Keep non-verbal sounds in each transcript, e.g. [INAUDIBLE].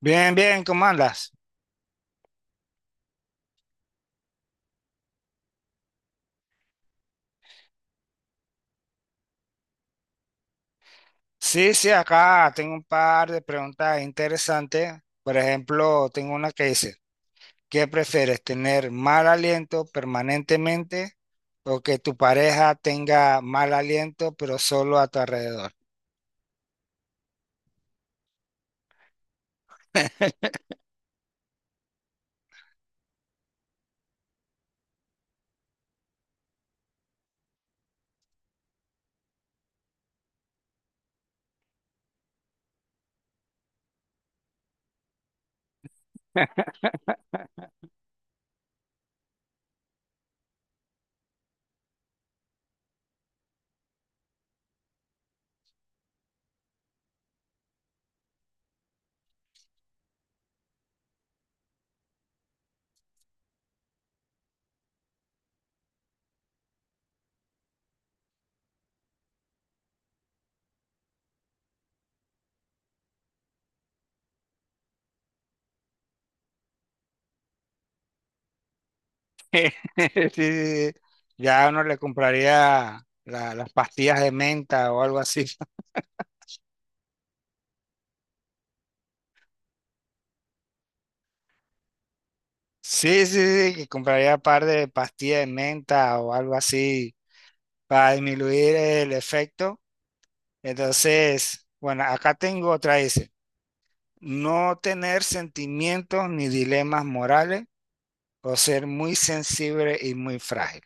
Bien, bien, ¿cómo andas? Sí, sí, acá tengo un par de preguntas interesantes. Por ejemplo, tengo una que dice, ¿qué prefieres, tener mal aliento permanentemente o que tu pareja tenga mal aliento pero solo a tu alrededor? [LAUGHS] Sí, sí, sí. Ya uno le compraría las pastillas de menta o algo así. [LAUGHS] Sí, sí, sí, que compraría un par de pastillas de menta o algo así para disminuir el efecto. Entonces, bueno, acá tengo otra, dice, no tener sentimientos ni dilemas morales o ser muy sensible y muy frágil.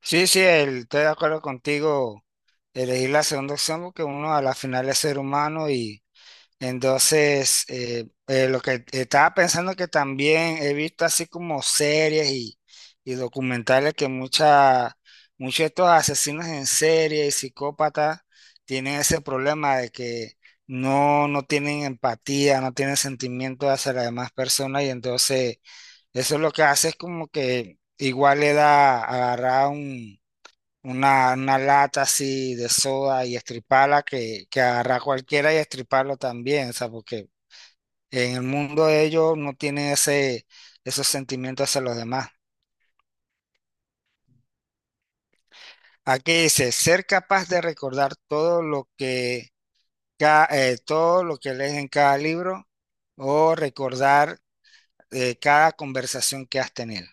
Sí, sí, estoy de acuerdo contigo, elegir la segunda opción porque uno a la final es ser humano y. Entonces, lo que estaba pensando que también he visto así como series y documentales que muchos de estos asesinos en serie y psicópatas tienen ese problema de que no tienen empatía, no tienen sentimiento hacia las demás personas y entonces eso lo que hace es como que igual le da agarrar un una lata así de soda y estriparla que agarrar cualquiera y estriparlo también, o sea, porque en el mundo de ellos no tienen esos sentimientos hacia los demás. Aquí dice, ser capaz de recordar todo lo todo lo que lees en cada libro o recordar cada conversación que has tenido.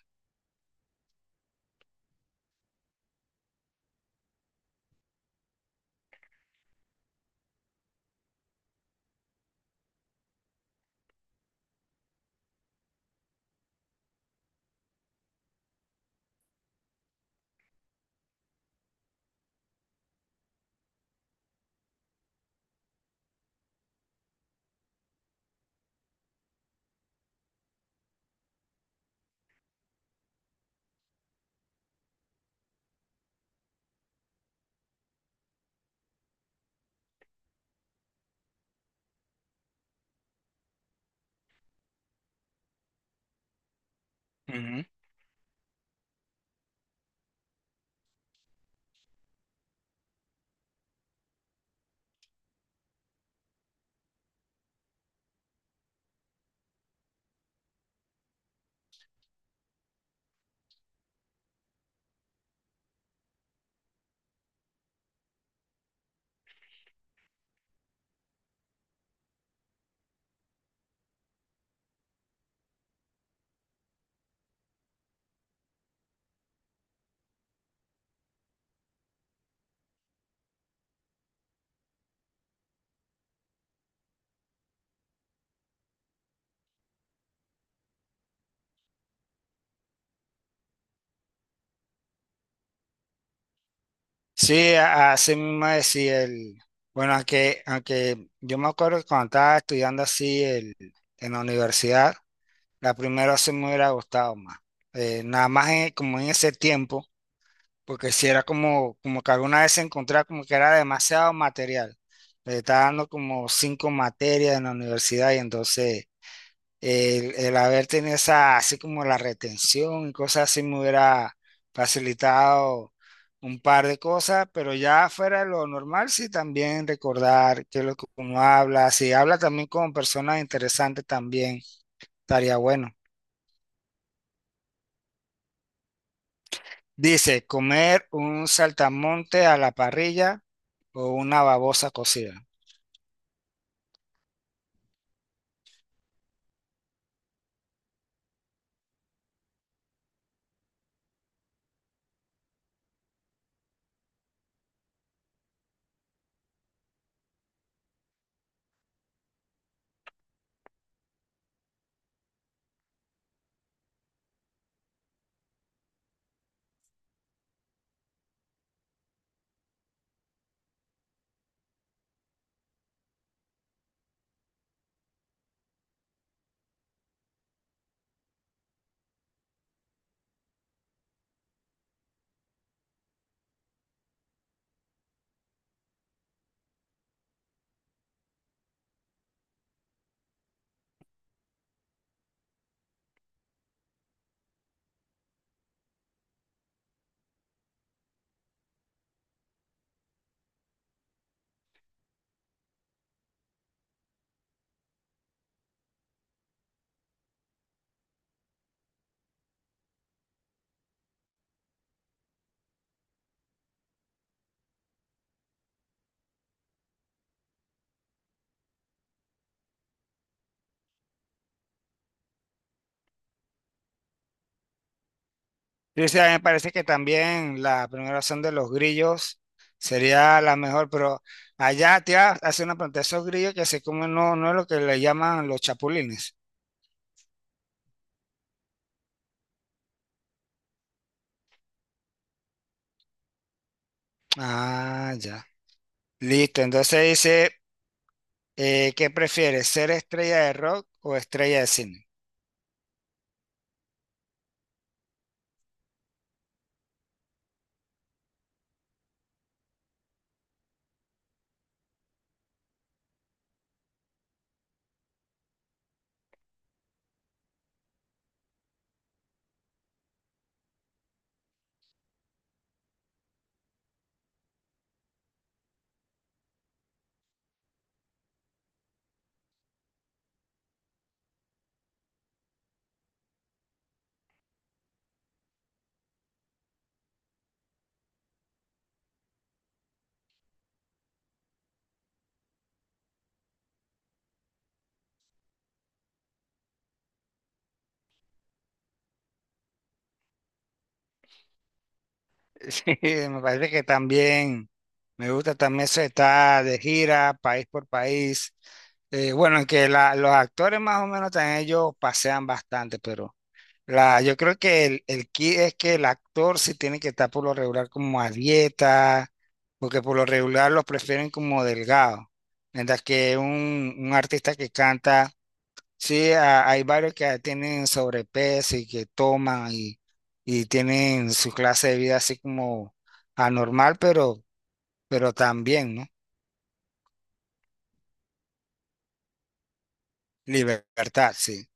Sí, así mismo decía bueno, aunque yo me acuerdo que cuando estaba estudiando así en la universidad, la primera sí me hubiera gustado más. Nada más como en ese tiempo, porque si era como, como que alguna vez encontraba como que era demasiado material. Me estaba dando como cinco materias en la universidad y entonces el haber tenido esa, así como la retención y cosas así me hubiera facilitado un par de cosas, pero ya fuera de lo normal, sí también recordar qué es lo que uno habla, si habla también con personas interesantes también estaría bueno. Dice, comer un saltamonte a la parrilla o una babosa cocida. Sí, sí, a mí me parece que también la primera opción de los grillos sería la mejor, pero allá te iba a hacer una pregunta, esos grillos que se comen no es lo que le llaman los chapulines. Ah, ya. Listo, entonces dice, ¿qué prefieres, ser estrella de rock o estrella de cine? [LAUGHS] Sí, me parece que también me gusta también eso de estar de gira, país por país. Bueno, que los actores más o menos también ellos pasean bastante, pero la, yo creo que el key es que el actor sí tiene que estar por lo regular como a dieta, porque por lo regular los prefieren como delgado, mientras que un artista que canta, sí, hay varios que tienen sobrepeso y que toman y tienen su clase de vida así como anormal, pero también, ¿no? Libertad, sí.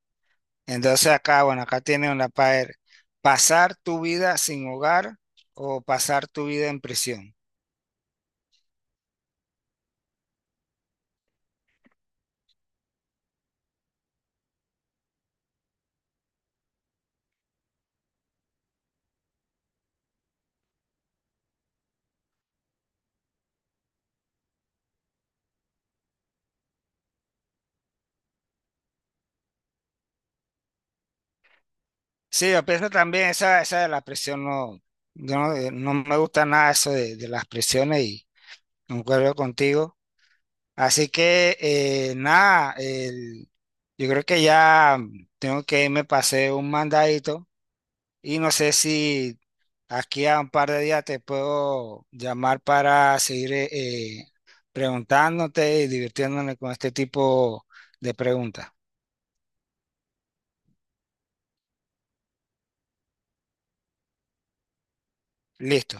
Entonces acá, bueno, acá tienen una para pasar tu vida sin hogar o pasar tu vida en prisión. Sí, yo pienso también esa de la presión, no, yo no, no me gusta nada eso de las presiones y concuerdo contigo. Así que nada, yo creo que ya tengo que irme, pasé un mandadito y no sé si aquí a un par de días te puedo llamar para seguir eh, preguntándote y divirtiéndome con este tipo de preguntas. Listo.